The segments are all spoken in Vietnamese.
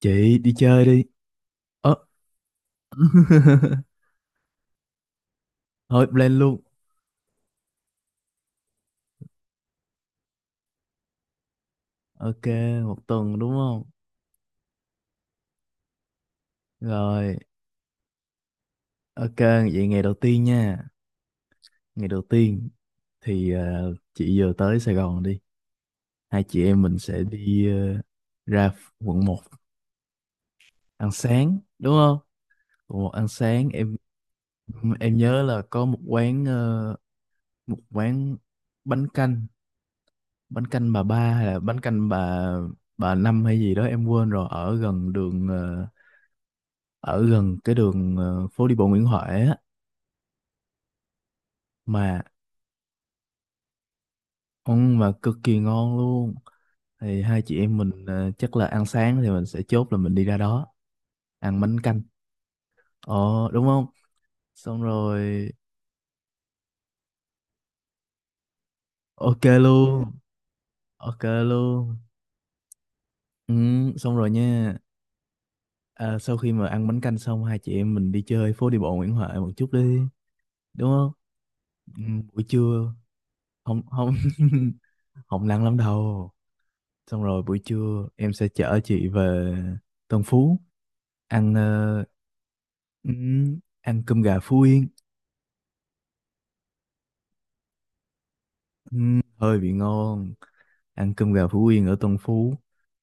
Chị đi chơi đi. Ơ, thôi plan luôn. Ok, một tuần đúng không? Rồi, ok, vậy ngày đầu tiên nha. Ngày đầu tiên thì chị vừa tới Sài Gòn đi. Hai chị em mình sẽ đi ra quận một ăn sáng, đúng không? Quận 1 ăn sáng, em nhớ là có một quán một quán bánh canh, bánh canh bà ba hay là bánh canh bà năm hay gì đó em quên rồi ở gần đường ở gần cái đường phố đi bộ Nguyễn Huệ á mà ăn mà cực kỳ ngon luôn. Thì hai chị em mình chắc là ăn sáng thì mình sẽ chốt là mình đi ra đó ăn bánh canh, ờ đúng không? Xong rồi, ok luôn, ok luôn, ừ, xong rồi nha. À, sau khi mà ăn bánh canh xong hai chị em mình đi chơi phố đi bộ Nguyễn Huệ một chút đi, đúng không? Ừ, buổi trưa không không không nắng lắm đâu. Xong rồi buổi trưa em sẽ chở chị về Tân Phú ăn ăn cơm gà Phú Yên. Hơi bị ngon, ăn cơm gà Phú Yên ở Tân Phú.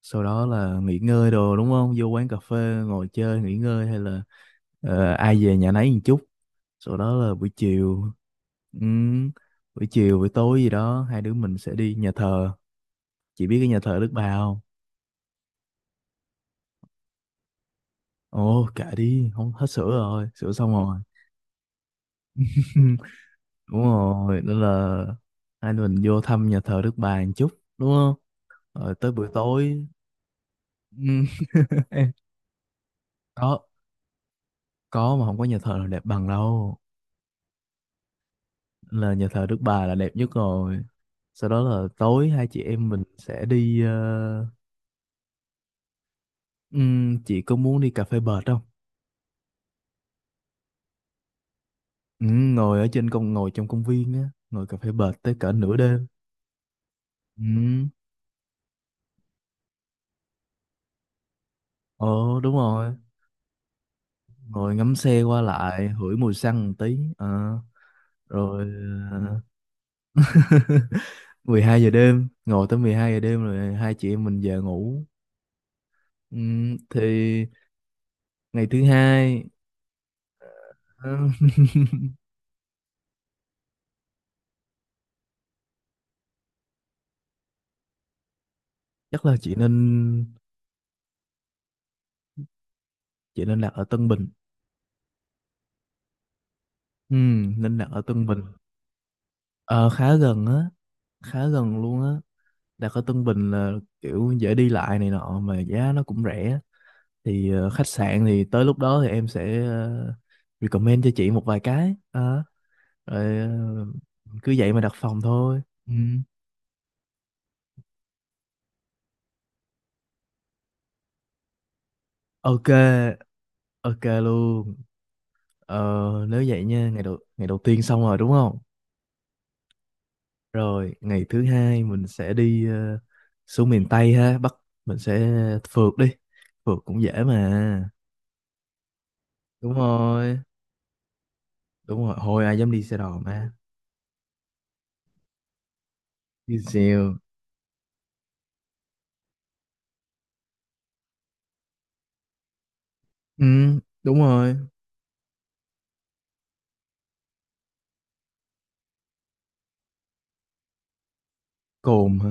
Sau đó là nghỉ ngơi đồ đúng không, vô quán cà phê ngồi chơi nghỉ ngơi hay là ai về nhà nấy một chút. Sau đó là buổi chiều, ừm, buổi chiều buổi tối gì đó hai đứa mình sẽ đi nhà thờ. Chị biết cái nhà thờ Đức Bà không? Ồ kệ đi, không hết sữa rồi, sữa xong rồi. Đúng rồi, nên là hai đứa mình vô thăm nhà thờ Đức Bà một chút, đúng không? Rồi tới buổi tối, ừm, có có mà không có nhà thờ nào đẹp bằng đâu, là nhà thờ Đức Bà là đẹp nhất rồi. Sau đó là tối hai chị em mình sẽ đi chị có muốn đi cà phê bệt không? Ngồi ở trên công, ngồi trong công viên á, ngồi cà phê bệt tới cỡ nửa đêm. Ừm, ồ đúng rồi, ngồi ngắm xe qua lại hửi mùi xăng một tí. Ờ, rồi ờ, 12 giờ đêm, ngồi tới 12 giờ đêm rồi hai chị em mình về ngủ. Ừ, thì ngày thứ hai ờ, chắc là chị nên đặt ở Tân Bình. Ừ, nên đặt ở Tân Bình, ờ, khá gần á, khá gần luôn á. Đặt ở Tân Bình là kiểu dễ đi lại này nọ mà giá nó cũng rẻ. Thì khách sạn thì tới lúc đó thì em sẽ recommend cho chị một vài cái. Ờ, rồi cứ vậy mà đặt phòng thôi. Ừ. Ok, ok luôn. Ờ, nếu vậy nha, ngày đầu tiên xong rồi đúng không? Rồi, ngày thứ hai mình sẽ đi xuống miền Tây ha, Bắc mình sẽ phượt đi. Phượt cũng dễ mà. Đúng rồi, đúng rồi, hồi ai dám đi xe đò mà. Đi xèo. Ừ, đúng rồi. Cồn hả?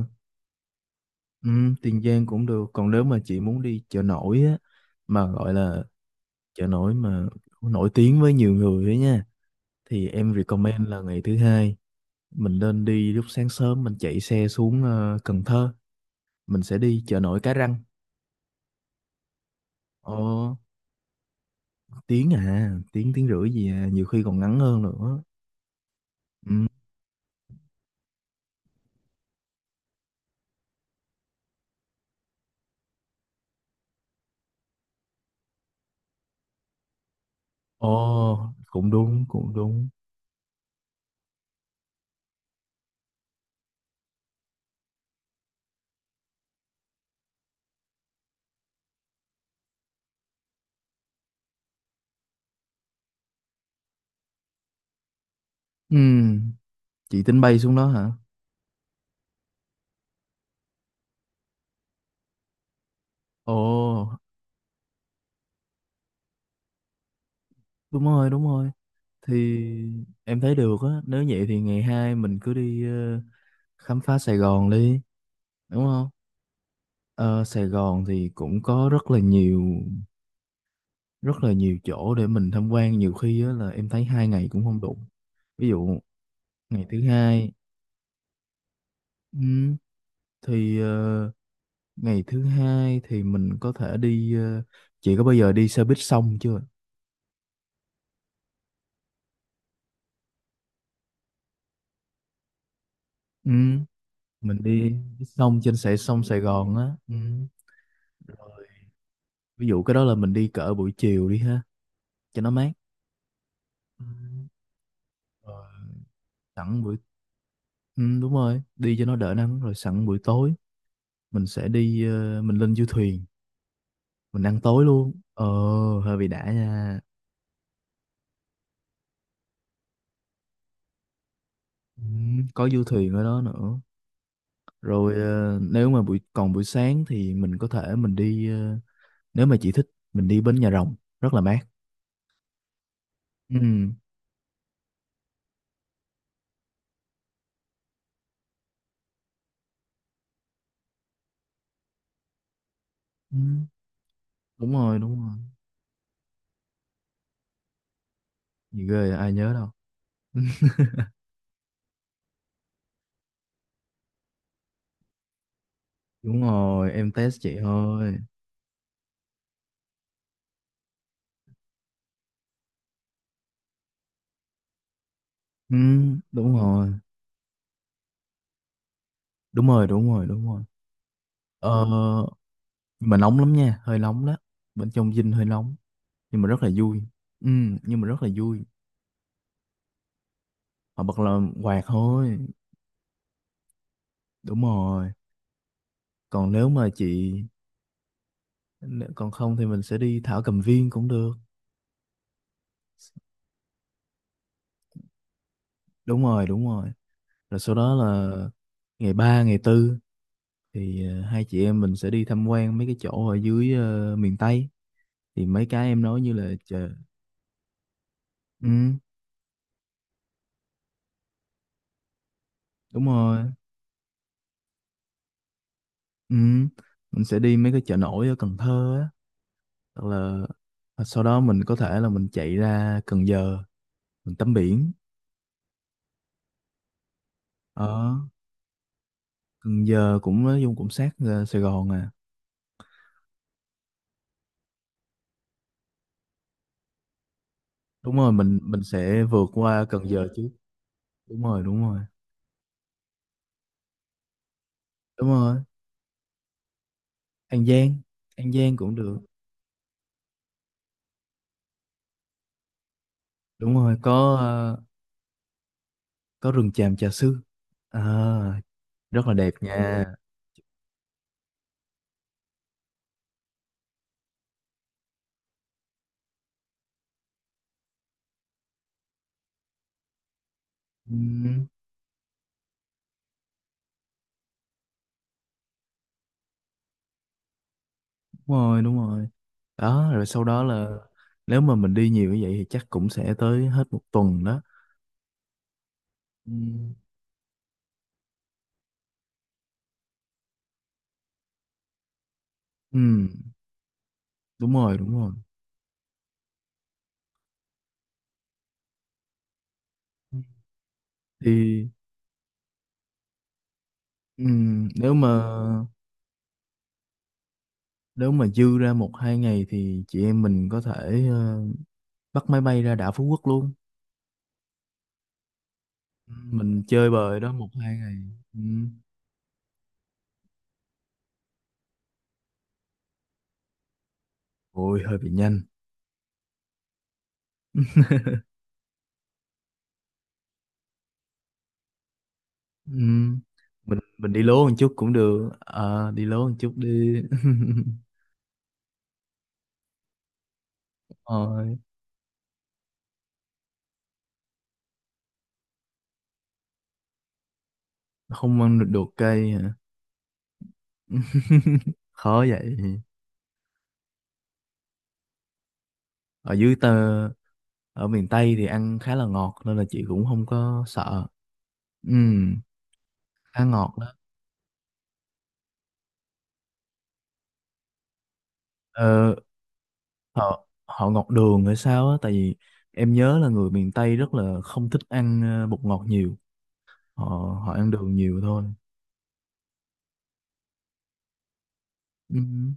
Ừ, Tiền Giang cũng được, còn nếu mà chị muốn đi chợ nổi á mà gọi là chợ nổi mà nổi tiếng với nhiều người ấy nha, thì em recommend là ngày thứ hai mình nên đi lúc sáng sớm, mình chạy xe xuống Cần Thơ, mình sẽ đi chợ nổi Cái Răng. Ồ. Tiếng à, tiếng tiếng rưỡi gì à, nhiều khi còn ngắn hơn nữa. Ừ. Ồ cũng đúng, cũng đúng. Ừ. Chị tính bay xuống đó hả? Ồ đúng rồi, đúng rồi. Thì em thấy được á, nếu vậy thì ngày hai mình cứ đi khám phá Sài Gòn đi, đúng không? Ờ, Sài Gòn thì cũng có rất là nhiều, rất là nhiều chỗ để mình tham quan, nhiều khi á là em thấy hai ngày cũng không đủ. Ví dụ ngày thứ hai, ừ, thì ờ, ngày thứ hai thì mình có thể đi chị có bao giờ đi xe buýt sông chưa? Ừ, mình đi buýt sông trên sông Sài Gòn á. Ừ. Rồi, ví dụ cái đó là mình đi cỡ buổi chiều đi ha, cho nó mát. Ừ. Rồi, sẵn buổi đúng rồi, đi cho nó đỡ nắng rồi sẵn buổi tối mình sẽ đi mình lên du thuyền, mình ăn tối luôn. Ờ hơi bị đã nha. Ừ, có du thuyền ở đó nữa. Rồi nếu mà buổi sáng thì mình có thể mình đi nếu mà chị thích mình đi bến Nhà Rồng, rất là mát. Ừ, ừ, đúng rồi đúng rồi. Gì ghê ai nhớ đâu. Đúng rồi, em test chị ơi. Ừ, đúng rồi, đúng rồi, đúng rồi, đúng rồi. Ờ, nhưng mà nóng lắm nha, hơi nóng đó, bên trong dinh hơi nóng nhưng mà rất là vui. Ừ, nhưng mà rất là vui. Họ bật là quạt thôi. Đúng rồi. Còn nếu mà chị, nếu- còn không thì mình sẽ đi Thảo Cầm Viên cũng được. Đúng rồi, đúng rồi. Rồi sau đó là ngày 3 ngày tư thì hai chị em mình sẽ đi tham quan mấy cái chỗ ở dưới miền Tây, thì mấy cái em nói như là chợ. Ừ đúng rồi. Ừ, mình sẽ đi mấy cái chợ nổi ở Cần Thơ á. Hoặc là hoặc sau đó mình có thể là mình chạy ra Cần Giờ mình tắm biển. Ở Cần Giờ cũng nói chung cũng sát Sài Gòn à. Đúng rồi, mình sẽ vượt qua Cần Giờ chứ. Đúng rồi, đúng rồi, đúng rồi, An Giang. An Giang cũng được. Đúng rồi, có có rừng tràm Trà Sư à, rất là đẹp nha. Ừ, đúng rồi, đúng rồi. Đó rồi sau đó là, nếu mà mình đi nhiều như vậy thì chắc cũng sẽ tới hết một tuần đó. Ừ, ừ, đúng rồi, đúng rồi. Thì ừ, nếu mà, nếu mà dư ra một hai ngày thì chị em mình có thể bắt máy bay ra đảo Phú Quốc luôn. Ừ, mình chơi bời đó một hai ngày. Ừ. Ôi hơi bị nhanh. Ừ. mình đi lố một chút cũng được. Ờ, đi lố một chút đi. Ờ, không ăn được đồ cây hả? Khó vậy. Ở dưới tơ, ở miền Tây thì ăn khá là ngọt nên là chị cũng không có sợ. Ừ khá ngọt đó. Ờ, họ họ ngọt đường hay sao á, tại vì em nhớ là người miền Tây rất là không thích ăn bột ngọt nhiều, họ họ ăn đường nhiều thôi. Ừ,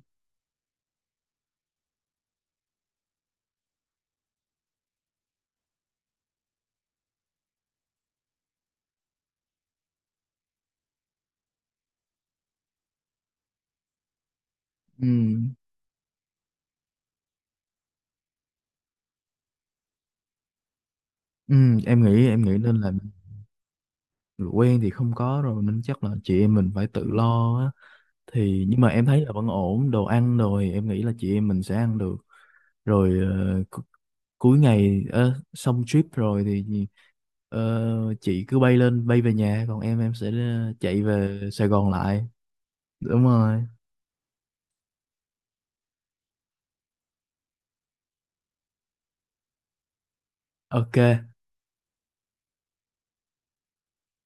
ừ, ừ, em nghĩ nên là quen thì không có rồi nên chắc là chị em mình phải tự lo á. Thì nhưng mà em thấy là vẫn ổn, đồ ăn đồ thì em nghĩ là chị em mình sẽ ăn được. Rồi cu- cuối ngày xong trip rồi thì chị cứ bay lên bay về nhà, còn em sẽ chạy về Sài Gòn lại. Đúng rồi. Ok,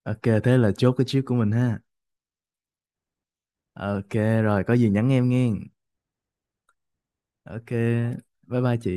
ok thế là chốt cái trip của mình ha. Ok. Rồi có gì nhắn em nghe. Ok, bye bye chị.